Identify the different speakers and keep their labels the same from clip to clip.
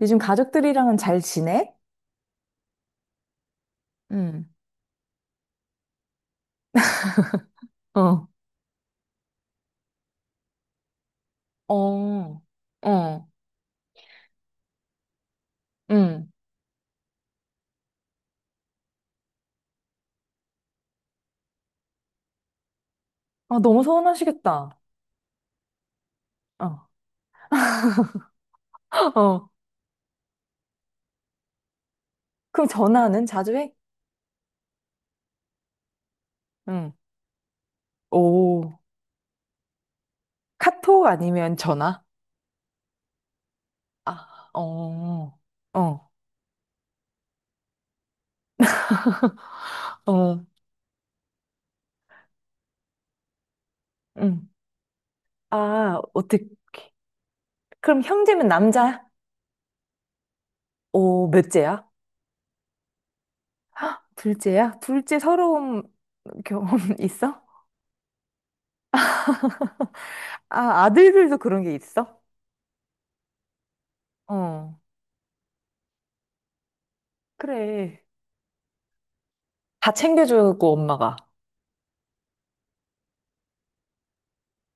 Speaker 1: 요즘 가족들이랑은 잘 지내? 응, 어. 어, 어, 응. 아, 너무 서운하시겠다. 어. 어, 그럼 전화는 자주 해? 응. 오, 카톡 아니면 전화? 아, 어, 어, 어, 응. 아, 어떻게, 그럼 형제면 남자야? 오, 몇째야? 둘째야? 둘째 서러움 경험 있어? 아, 아들들도 그런 게 있어? 어. 그래. 다 챙겨주고, 엄마가.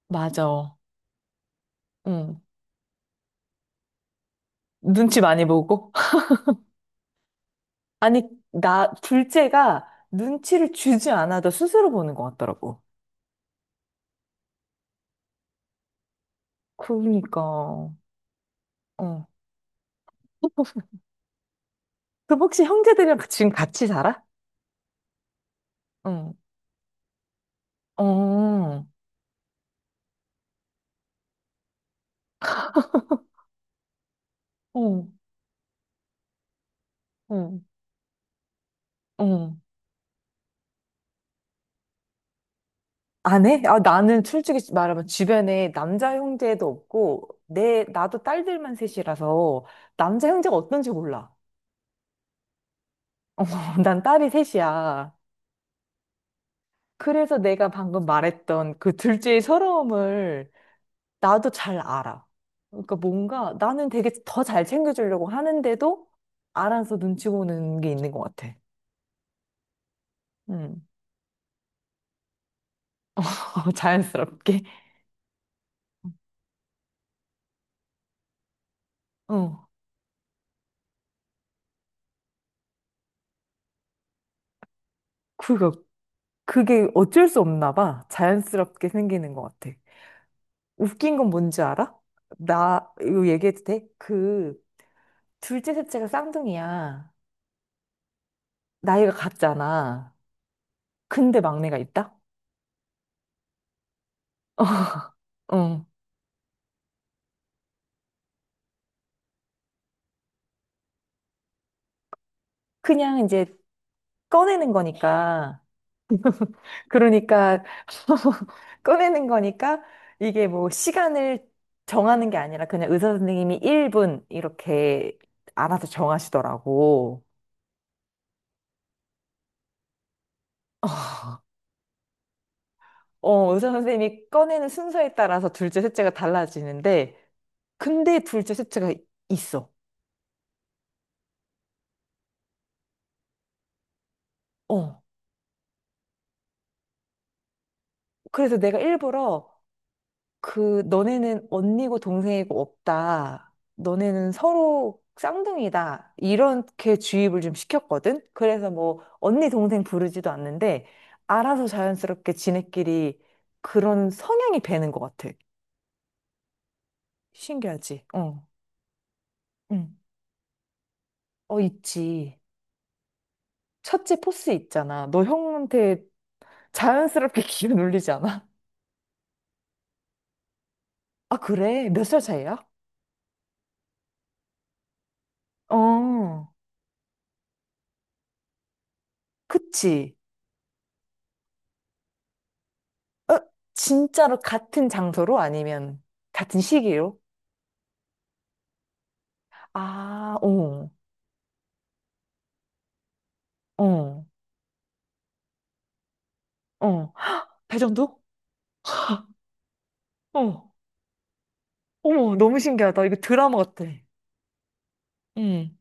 Speaker 1: 맞아. 응. 눈치 많이 보고. 아니, 나, 둘째가 눈치를 주지 않아도 스스로 보는 것 같더라고. 그러니까, 어. 그 혹시 형제들이랑 그 지금 같이 살아? 응. 어, 어, 어, 어. 안 해? 아, 나는 솔직히 말하면 주변에 남자 형제도 없고, 내, 나도 딸들만 셋이라서 남자 형제가 어떤지 몰라. 난 딸이 셋이야. 그래서 내가 방금 말했던 그 둘째의 서러움을 나도 잘 알아. 그러니까 뭔가 나는 되게 더 잘 챙겨주려고 하는데도 알아서 눈치 보는 게 있는 것 같아. 음. 자연스럽게. 어. 그거, 그게 어쩔 수 없나 봐. 자연스럽게 생기는 것 같아. 웃긴 건 뭔지 알아? 나, 이거 얘기해도 돼? 그, 둘째, 셋째가 쌍둥이야. 나이가 같잖아. 근데 막내가 있다? 어. 그냥 이제 꺼내는 거니까. 그러니까 꺼내는 거니까 이게 뭐 시간을 정하는 게 아니라 그냥 의사 선생님이 1분 이렇게 알아서 정하시더라고. 아, 어, 의사 선생님이 꺼내는 순서에 따라서 둘째, 셋째가 달라지는데 근데 둘째, 셋째가 있어. 어. 그래서 내가 일부러 그 너네는 언니고 동생이고 없다. 너네는 서로 쌍둥이다. 이렇게 주입을 좀 시켰거든. 그래서 뭐 언니 동생 부르지도 않는데 알아서 자연스럽게 지네끼리 그런 성향이 배는 것 같아. 신기하지? 어. 응. 어, 있지. 첫째 포스 있잖아. 너 형한테 자연스럽게 기운 올리지 않아? 아, 그래? 몇 살 차이야? 어. 그치. 어? 진짜로 같은 장소로 아니면 같은 시기로? 아, 어, 어, 어. 대전도? 어. 어머, 너무 신기하다. 이거 드라마 같아. 응.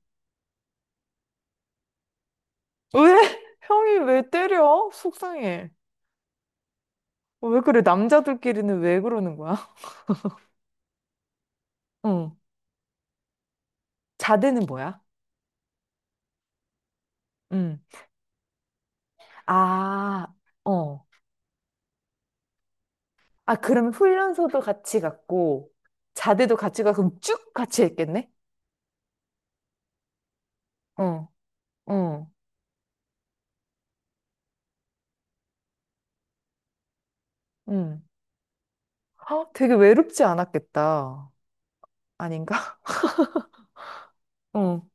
Speaker 1: 왜? 형이 왜 때려? 속상해. 어, 왜 그래? 남자들끼리는 왜 그러는 거야? 응. 자대는 뭐야? 응. 아, 어. 아, 그러면 훈련소도 같이 갔고, 자대도 같이 가서 그럼 쭉 같이 했겠네? 어, 어, 응. 아, 되게 외롭지 않았겠다. 아닌가? 어,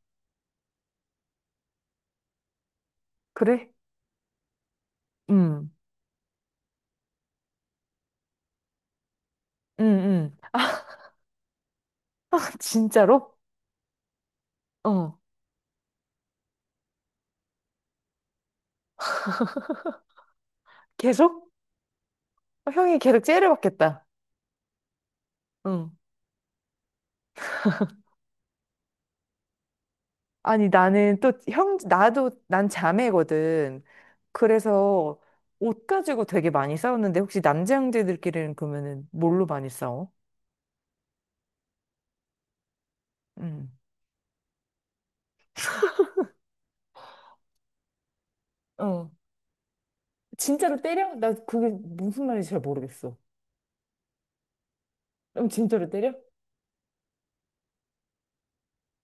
Speaker 1: 그래? 음, 음. 진짜로? 어, 계속? 어, 형이 계속 째려 받겠다. 응. 아니, 나는 또 형, 나도, 난 자매거든. 그래서 옷 가지고 되게 많이 싸웠는데, 혹시 남자 형제들끼리는 그러면은 뭘로 많이 싸워? 응. 어. 진짜로 때려? 나 그게 무슨 말인지 잘 모르겠어. 그럼 진짜로 때려?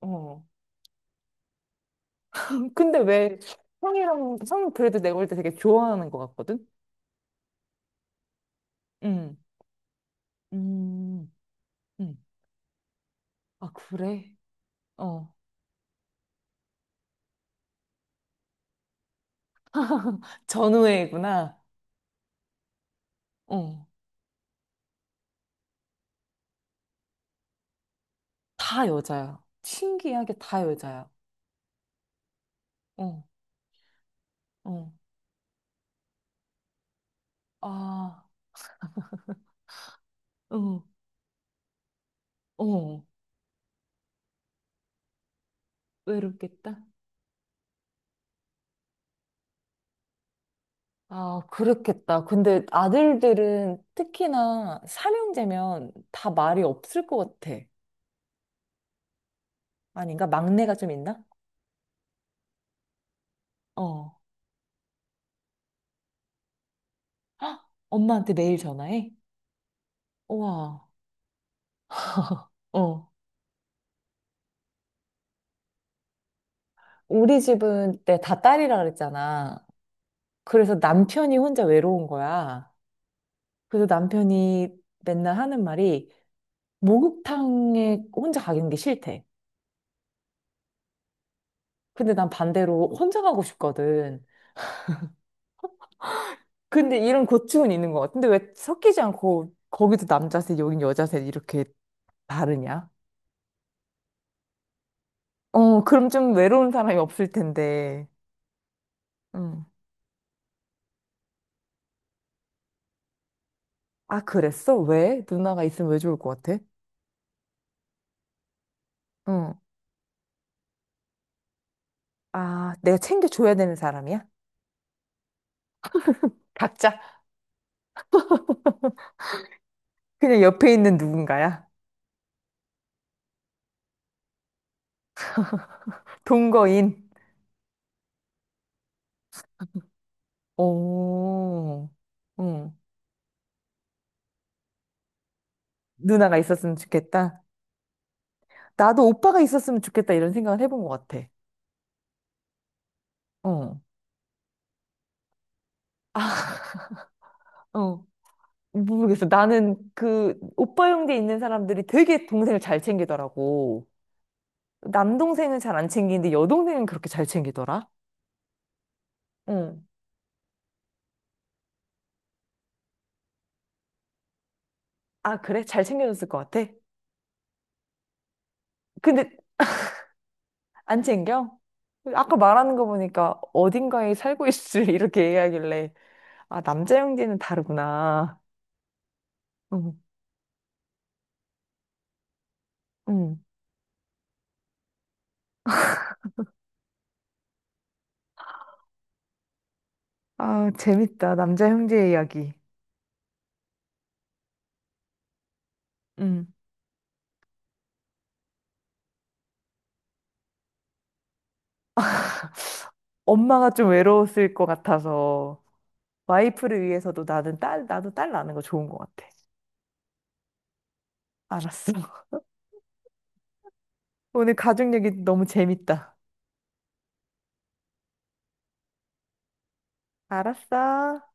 Speaker 1: 어. 근데 왜 형이랑, 형 그래도 내가 볼 때 되게 좋아하는 것 같거든? 응. 음. 음. 아, 그래? 어. 전우회구나. 어. 다 여자야. 신기하게 다 여자야. 어, 어. 아, 어, 어. 외롭겠다. 아, 그렇겠다. 근데 아들들은 특히나 삼형제면 다 말이 없을 것 같아. 아닌가? 막내가 좀 있나? 어. 헉, 엄마한테 매일 전화해? 우와. 어. 우리 집은 때 다 딸이라 그랬잖아. 그래서 남편이 혼자 외로운 거야. 그래서 남편이 맨날 하는 말이 목욕탕에 혼자 가는 게 싫대. 근데 난 반대로 혼자 가고 싶거든. 근데 이런 고충은 있는 것 같아. 근데 왜 섞이지 않고 거기도 남자세, 여긴 여자세 이렇게 다르냐? 어, 그럼 좀 외로운 사람이 없을 텐데. 응. 아, 그랬어? 왜? 누나가 있으면 왜 좋을 것 같아? 응. 아, 내가 챙겨줘야 되는 사람이야? 각자 그냥 옆에 있는 누군가야? 동거인. 오, 응. 누나가 있었으면 좋겠다. 나도 오빠가 있었으면 좋겠다 이런 생각을 해본 것 같아. 어. 아, 어. 모르겠어. 나는 그 오빠 형제 있는 사람들이 되게 동생을 잘 챙기더라고. 남동생은 잘 안 챙기는데 여동생은 그렇게 잘 챙기더라. 응. 아, 그래? 잘 챙겨줬을 것 같아? 근데 안 챙겨? 아까 말하는 거 보니까 어딘가에 살고 있을 이렇게 얘기하길래 아, 남자 형제는 다르구나. 응. 응. 아, 재밌다. 남자 형제 이야기. 응. 엄마가 좀 외로웠을 것 같아서 와이프를 위해서도 나는 딸, 나도 딸 낳는 거 좋은 것 같아. 알았어. 오늘 가족 얘기 너무 재밌다. 알았어.